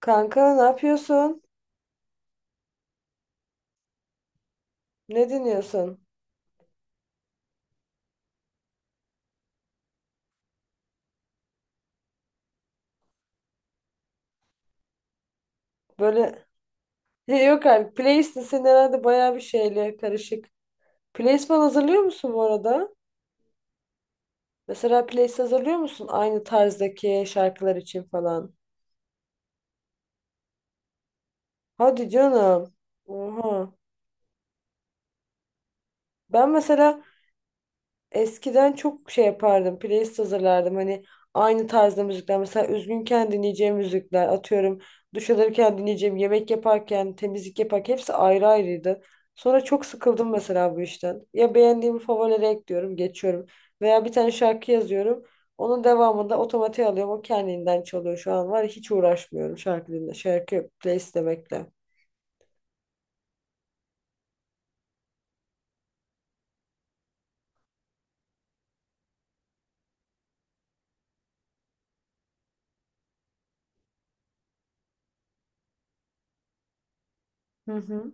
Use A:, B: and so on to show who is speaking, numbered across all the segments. A: Kanka ne yapıyorsun? Ne dinliyorsun? Böyle yok abi playlist'in senin herhalde bayağı bir şeyle karışık. Playlist falan hazırlıyor musun bu arada? Mesela playlist hazırlıyor musun aynı tarzdaki şarkılar için falan? Hadi canım. Oha. Ben mesela eskiden çok şey yapardım. Playlist hazırlardım. Hani aynı tarzda müzikler. Mesela üzgünken dinleyeceğim müzikler. Atıyorum duş alırken dinleyeceğim. Yemek yaparken, temizlik yaparken hepsi ayrı ayrıydı. Sonra çok sıkıldım mesela bu işten. Ya beğendiğimi favorilere ekliyorum, geçiyorum. Veya bir tane şarkı yazıyorum. Onun devamında otomatiğe alıyorum. O kendinden çalıyor şu an var. Ya, hiç uğraşmıyorum şarkı dinle, şarkı playlist demekle. Hı hı.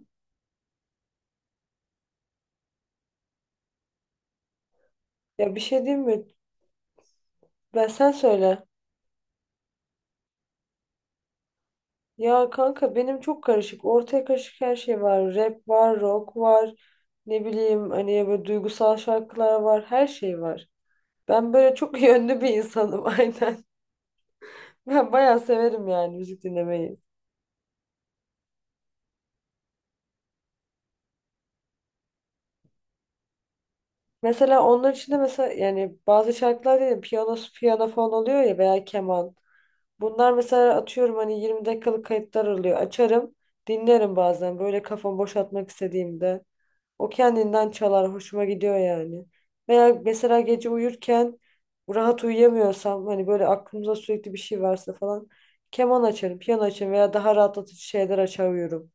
A: Ya bir şey diyeyim mi? Ben sen söyle. Ya kanka benim çok karışık. Ortaya karışık her şey var. Rap var, rock var. Ne bileyim hani böyle duygusal şarkılar var. Her şey var. Ben böyle çok yönlü bir insanım aynen. Ben bayağı severim yani müzik dinlemeyi. Mesela onlar içinde mesela yani bazı şarkılar değil, piyano, piyano falan oluyor ya veya keman. Bunlar mesela atıyorum hani 20 dakikalık kayıtlar oluyor. Açarım, dinlerim bazen böyle kafamı boşaltmak istediğimde. O kendinden çalar, hoşuma gidiyor yani. Veya mesela gece uyurken rahat uyuyamıyorsam hani böyle aklımda sürekli bir şey varsa falan keman açarım, piyano açarım veya daha rahatlatıcı şeyler açar uyurum.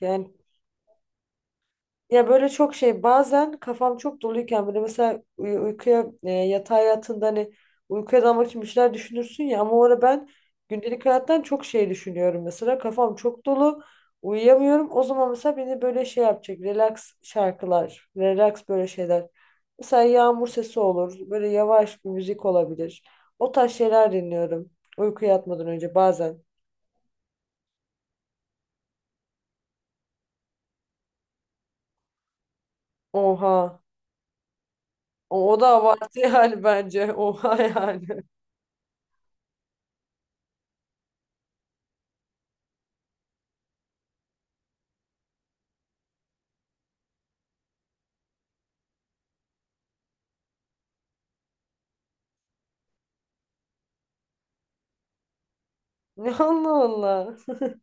A: Yani ya böyle çok şey bazen kafam çok doluyken böyle mesela uykuya yatağa yattığında hani uykuya dalmak için bir şeyler düşünürsün ya ama orada ben gündelik hayattan çok şey düşünüyorum mesela kafam çok dolu uyuyamıyorum o zaman mesela beni böyle şey yapacak relax şarkılar relax böyle şeyler mesela yağmur sesi olur böyle yavaş bir müzik olabilir o tarz şeyler dinliyorum uykuya yatmadan önce bazen oha o da abartı yani bence oha yani. Allah Allah.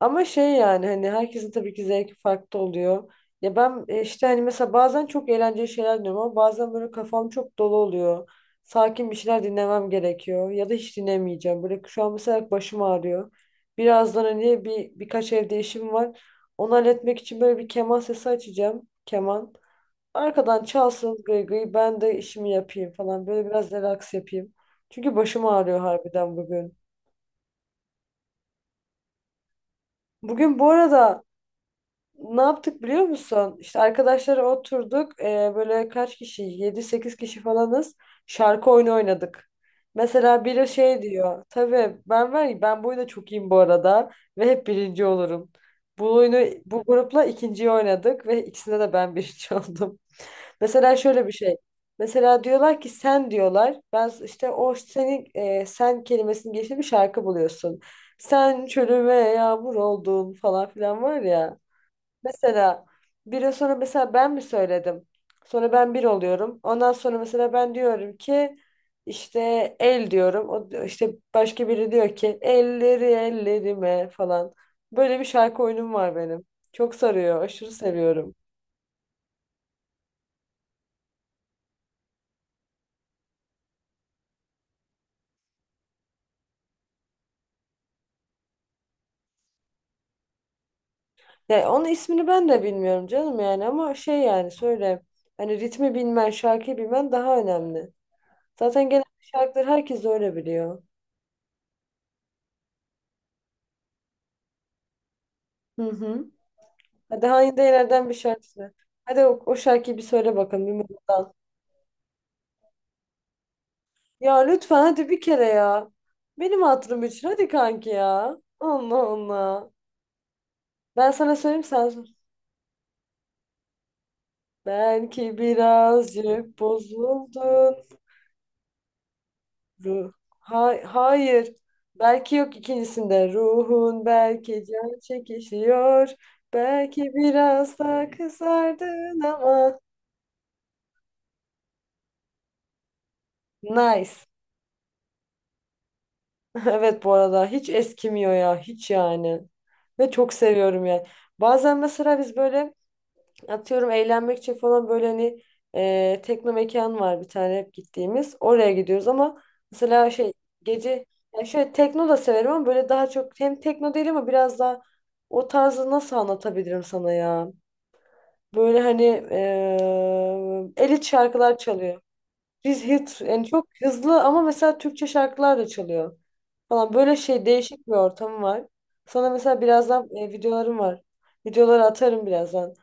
A: Ama şey yani hani herkesin tabii ki zevki farklı oluyor. Ya ben işte hani mesela bazen çok eğlenceli şeyler dinliyorum ama bazen böyle kafam çok dolu oluyor. Sakin bir şeyler dinlemem gerekiyor ya da hiç dinlemeyeceğim. Böyle şu an mesela başım ağrıyor. Birazdan hani birkaç evde işim var. Onu halletmek için böyle bir keman sesi açacağım. Keman. Arkadan çalsın gıy gıy ben de işimi yapayım falan. Böyle biraz relax yapayım. Çünkü başım ağrıyor harbiden bugün. Bugün bu arada ne yaptık biliyor musun? İşte arkadaşlara oturduk. Böyle kaç kişi? Yedi sekiz kişi falanız. Şarkı oyunu oynadık. Mesela biri şey diyor. Tabii ben var ya ben bu oyunda çok iyiyim bu arada. Ve hep birinci olurum. Bu oyunu bu grupla ikinciyi oynadık. Ve ikisinde de ben birinci oldum. Mesela şöyle bir şey. Mesela diyorlar ki sen diyorlar. Ben işte o senin sen kelimesinin geçtiği bir şarkı buluyorsun. Sen çölüme yağmur oldun falan filan var ya. Mesela bir sonra mesela ben mi söyledim? Sonra ben bir oluyorum. Ondan sonra mesela ben diyorum ki işte el diyorum. İşte başka biri diyor ki elleri ellerime falan. Böyle bir şarkı oyunum var benim. Çok sarıyor. Aşırı seviyorum. Ya onun ismini ben de bilmiyorum canım yani ama şey yani söyle. Hani ritmi bilmen, şarkıyı bilmen daha önemli. Zaten genelde şarkıları herkes öyle biliyor. Hı hı. Hadi Hande Yener'den bir şarkı söyle. Hadi o şarkıyı bir söyle bakalım bir mırıldan. Ya lütfen hadi bir kere ya. Benim hatırım için hadi kanki ya. Allah Allah. Ben sana söyleyeyim sen sor. Belki birazcık bozuldun. Ruh. Hay hayır. Belki yok ikincisinde. Ruhun belki can çekişiyor. Belki biraz daha kızardın ama. Nice. Evet bu arada hiç eskimiyor ya hiç yani. Ve çok seviyorum yani. Bazen mesela biz böyle atıyorum eğlenmek için falan böyle hani tekno mekan var bir tane hep gittiğimiz. Oraya gidiyoruz ama mesela şey gece yani şöyle tekno da severim ama böyle daha çok hem tekno değil ama biraz daha o tarzı nasıl anlatabilirim sana ya? Böyle hani elit şarkılar çalıyor. Biz hit yani çok hızlı ama mesela Türkçe şarkılar da çalıyor falan. Böyle şey değişik bir ortam var. Sonra mesela birazdan videolarım var. Videoları atarım birazdan.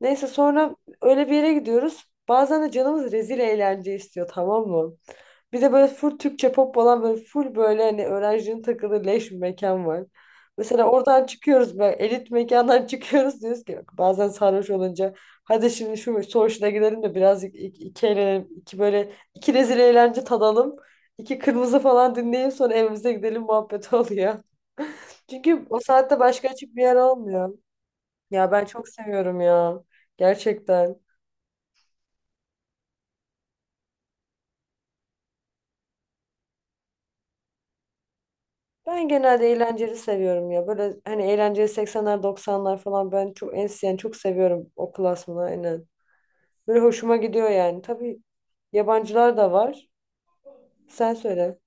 A: Neyse sonra öyle bir yere gidiyoruz. Bazen de canımız rezil eğlence istiyor tamam mı? Bir de böyle full Türkçe pop olan böyle full böyle hani öğrencinin takıldığı leş bir mekan var. Mesela oradan çıkıyoruz böyle elit mekandan çıkıyoruz diyoruz ki bak bazen sarhoş olunca hadi şimdi şu Soğuş'una gidelim de birazcık iki eğlenelim. İki böyle iki rezil eğlence tadalım. İki kırmızı falan dinleyip sonra evimize gidelim muhabbet oluyor. Çünkü o saatte başka açık bir yer olmuyor. Ya ben çok seviyorum ya. Gerçekten. Ben genelde eğlenceli seviyorum ya. Böyle hani eğlenceli 80'ler 90'lar falan ben çok en yani çok seviyorum o klasmanı aynen. Böyle hoşuma gidiyor yani. Tabii yabancılar da var. Sen söyle.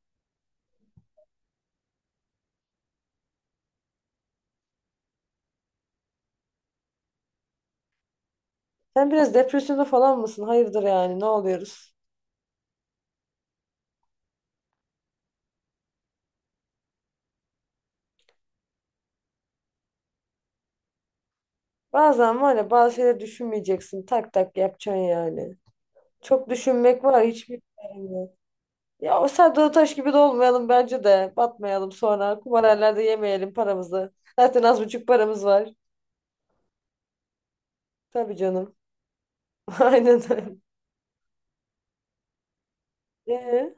A: Sen biraz depresyonda falan mısın? Hayırdır yani ne oluyoruz? Bazen var ya bazı şeyleri düşünmeyeceksin. Tak tak yapacaksın yani. Çok düşünmek var hiçbir şey yok. Ya o Serdar Taş gibi de olmayalım bence de. Batmayalım sonra. Kumarhanelerde yemeyelim paramızı. Zaten az buçuk paramız var. Tabii canım. Aynen öyle. Ee,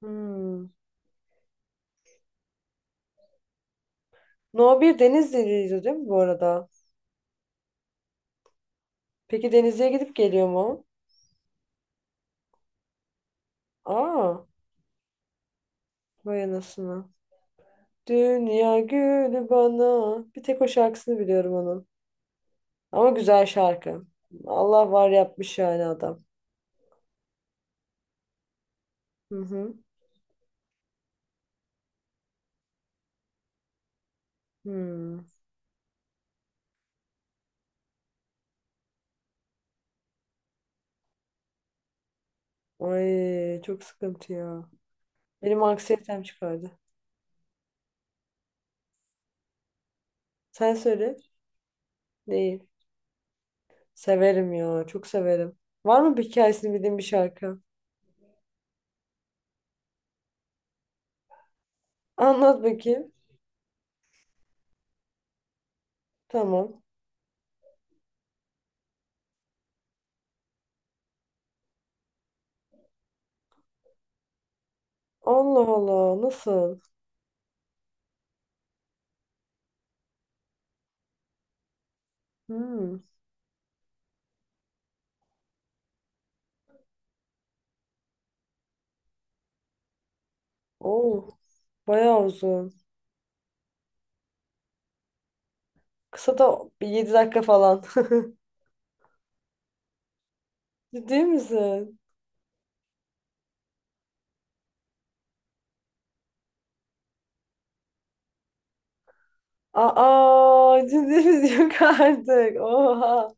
A: hmm. No 1 Denizli'ydi değil mi bu arada? Peki Denizli'ye gidip geliyor mu? Aa, vay anasını. Dünya günü bana. Bir tek o şarkısını biliyorum onun. Ama güzel şarkı. Allah var yapmış yani adam. Hı hı. Hmm. Ay çok sıkıntı ya. Benim anksiyetem çıkardı. Sen söyle. Değil. Severim ya. Çok severim. Var mı bir hikayesini bildiğin bir şarkı? Anlat bakayım. Tamam. Allah Allah. Nasıl? Hmm. Oo, bayağı uzun. Kısa da bir 7 dakika falan. Ciddi misin? Aa, ciddi misin? Yok artık. Oha.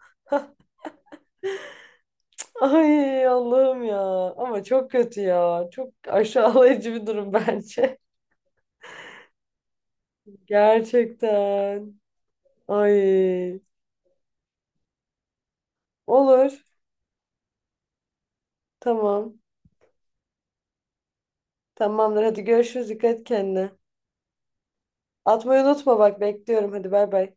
A: Ay Allah'ım ya. Ama çok kötü ya. Çok aşağılayıcı bir durum bence. Gerçekten. Ay. Olur. Tamam. Tamamdır. Hadi görüşürüz. Dikkat et kendine. Atmayı unutma bak. Bekliyorum. Hadi bay bay.